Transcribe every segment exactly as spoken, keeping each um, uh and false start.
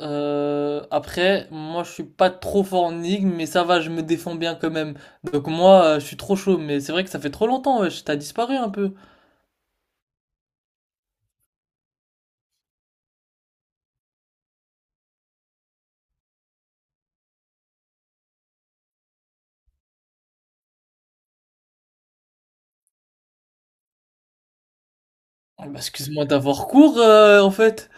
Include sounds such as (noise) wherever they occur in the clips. Euh, après, moi je suis pas trop fort en énigme, mais ça va, je me défends bien quand même. Donc moi, euh, je suis trop chaud, mais c'est vrai que ça fait trop longtemps, wesh, t'as disparu un peu. Ah bah, excuse-moi d'avoir cours, euh, en fait.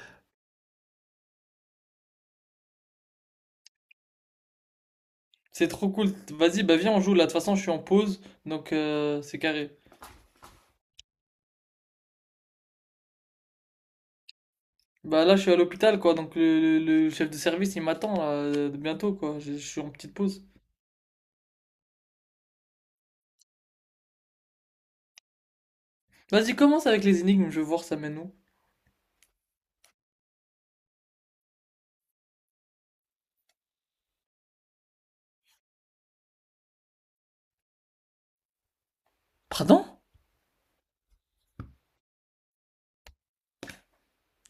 C'est trop cool. Vas-y, bah viens, on joue là. De toute façon, je suis en pause, donc euh, c'est carré. Bah là, je suis à l'hôpital, quoi, donc le, le- le chef de service, il m'attend là, euh, bientôt, quoi. Je, je suis en petite pause. Vas-y, commence avec les énigmes, je vais voir ça mène où. Pardon?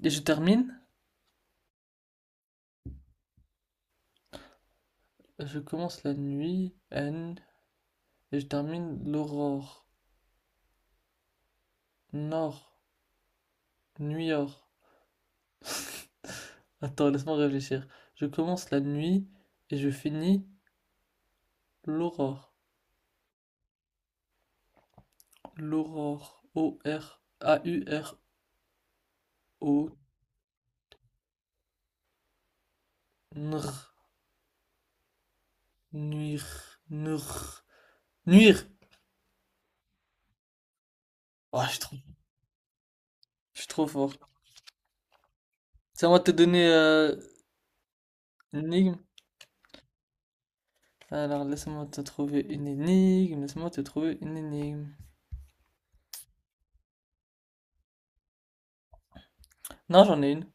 Et je termine? Je commence la nuit, N, et je termine l'aurore. Nord, Nuit-Or. Attends, laisse-moi réfléchir. Je commence la nuit et je finis l'aurore. L'aurore. O-R-A-U-R-O. Nr. Nuire. Nr. Nuire. Oh, je suis trop, je suis trop fort. C'est à moi de te donner euh, une énigme. Alors, laisse-moi te trouver une énigme. Laisse-moi te trouver une énigme. Non, j'en ai une.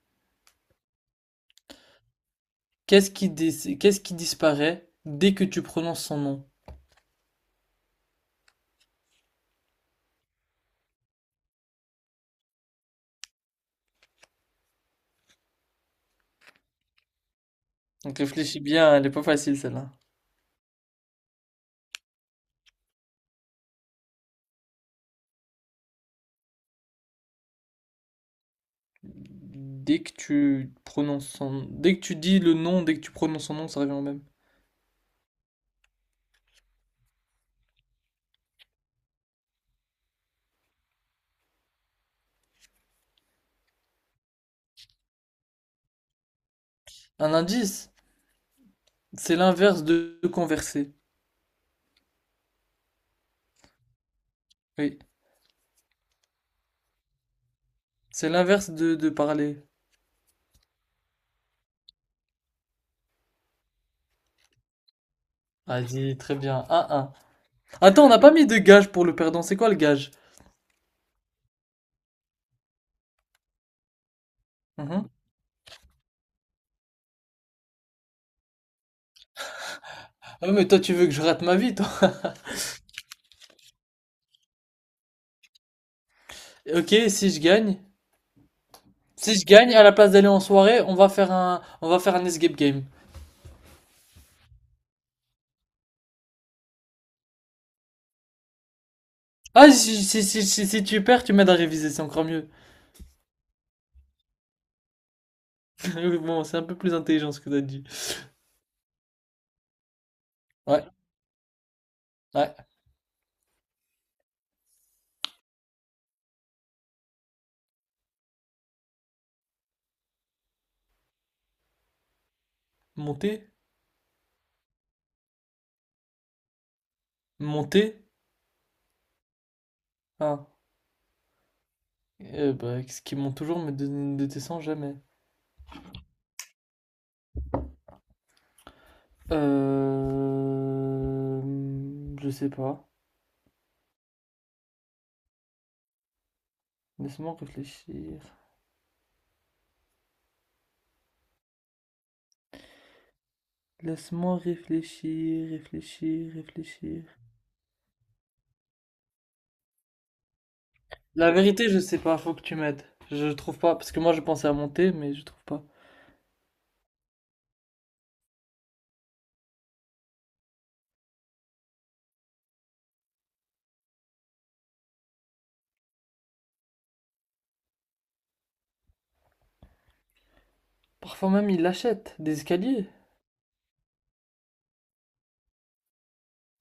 Qu'est-ce qui, dis- qu'est-ce qui disparaît dès que tu prononces son nom? Donc réfléchis bien, elle est pas facile celle-là. Dès que tu prononces son... Dès que tu dis le nom, dès que tu prononces son nom, ça revient au même. Un indice, c'est l'inverse de, de converser. Oui, c'est l'inverse de, de parler. Vas-y, très bien. Un un. Attends, on n'a pas mis de gage pour le perdant. C'est quoi le gage? Mhm. Ah, ouais, mais toi, tu veux que je rate ma vie, toi. (laughs) Ok, si je gagne. Si je gagne, à la place d'aller en soirée, on va faire un, on va faire un escape game. Ah, si, si, si, si, si si tu perds, tu m'aides à réviser, c'est encore mieux. (laughs) Bon, c'est un peu plus intelligent ce que t'as dit. Ouais, ouais. Monter? Monter? Ah. Euh, bah, ce qui monte toujours mais dé- ne descend jamais. Euh... Je sais pas. Laisse-moi réfléchir. Laisse-moi réfléchir, réfléchir, réfléchir. La vérité, je sais pas, faut que tu m'aides. Je trouve pas, parce que moi je pensais à monter, mais je trouve pas. Parfois même, il achète des escaliers.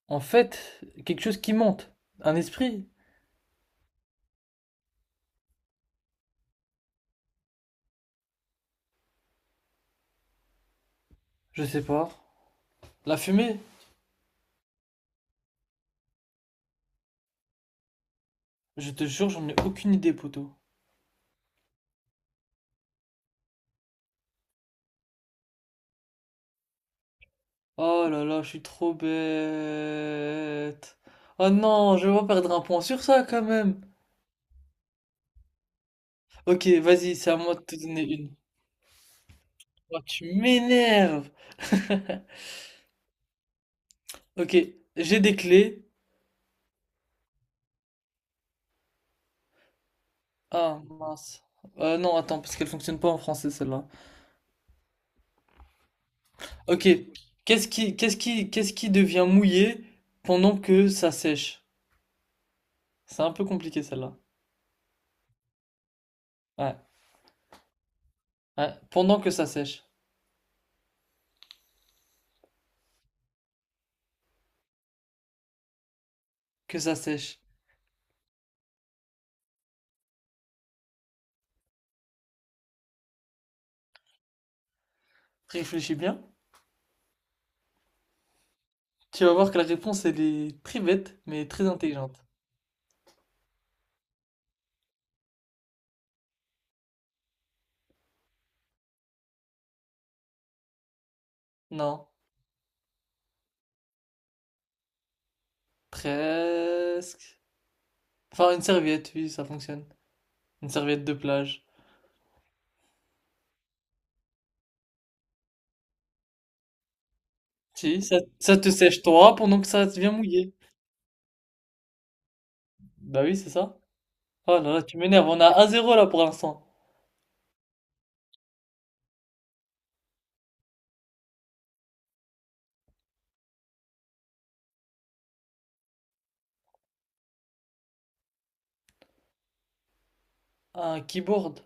En fait, quelque chose qui monte. Un esprit. Je sais pas. La fumée. Je te jure, j'en ai aucune idée, poteau. Oh là là, je suis trop bête. Oh non, je vais pas perdre un point sur ça quand même. Ok, vas-y, c'est à moi de te donner une. Oh, tu m'énerves. (laughs) Ok, j'ai des clés. Ah mince. Euh, non, attends, parce qu'elle fonctionne pas en français celle-là. Ok, qu'est-ce qui, qu'est-ce qui, qu'est-ce qui devient mouillé pendant que ça sèche? C'est un peu compliqué celle-là. Ouais. Ouais, pendant que ça sèche. Que ça sèche. Réfléchis bien. Tu vas voir que la réponse, elle est très bête, mais très intelligente. Non, presque. Enfin, une serviette, oui, ça fonctionne. Une serviette de plage. Si, ça, ça te sèche toi pendant que ça devient mouillé. Bah oui, c'est ça. Oh là là, tu m'énerves, on a un zéro là pour l'instant. Un keyboard,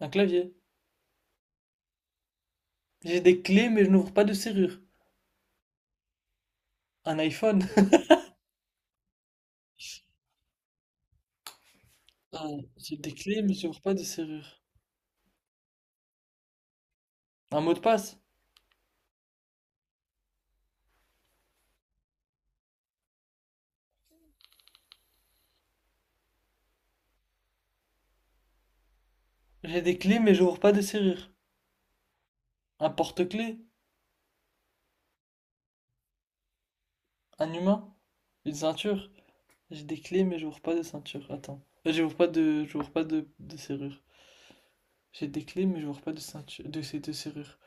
un clavier. J'ai des clés mais je n'ouvre pas de serrure. Un iPhone. (laughs) Un- J'ai des clés mais j'ouvre pas de serrure. Un mot de passe. J'ai des clés mais j'ouvre pas de serrure. Un porte-clés, un humain, une ceinture. J'ai des clés mais j'ouvre pas de ceinture. Attends. Euh, J'ouvre pas de, j'ouvre pas de, de serrure. J'ai des clés, mais je vois pas de ceinture, de, c'est- de serrure.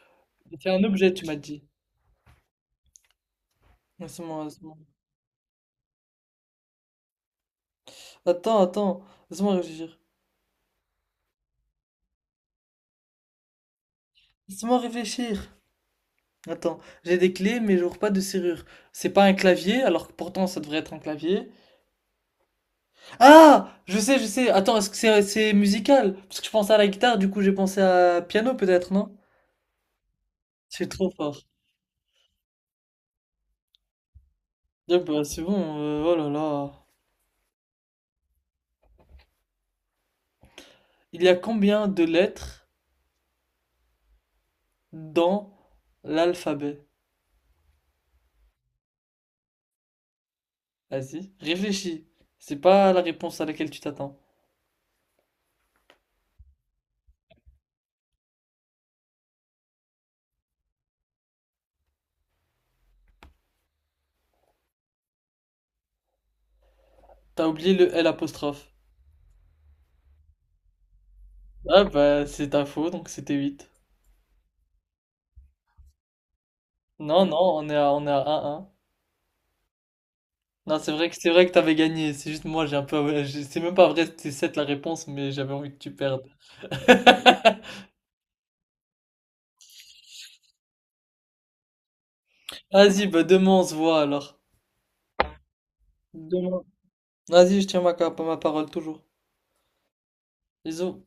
C'est un objet, tu m'as dit. Laisse-moi, laisse-moi. Attends, attends. Laisse-moi réfléchir. Laisse-moi réfléchir. Attends, j'ai des clés, mais je vois pas de serrure. C'est pas un clavier, alors que pourtant ça devrait être un clavier. Ah! Je sais, je sais. Attends, est-ce que c'est c'est musical? Parce que je pensais à la guitare, du coup j'ai pensé à piano peut-être, non? C'est trop fort. Ah bah, c'est bon, euh, oh là là. Il y a combien de lettres dans l'alphabet? Vas-y, réfléchis. C'est pas la réponse à laquelle tu t'attends. T'as oublié le L apostrophe. Ah bah c'est ta faux, donc c'était huit. Non, non, on est à, on est à un un. Non, c'est vrai que c'est vrai que t'avais gagné. C'est juste moi, j'ai un peu. J'ai- c'est même pas vrai, c'était sept la réponse, mais j'avais envie que tu perdes. Vas-y, bah demain on se voit alors. Demain. Vas-y, je tiens ma, ma parole toujours. Bisous.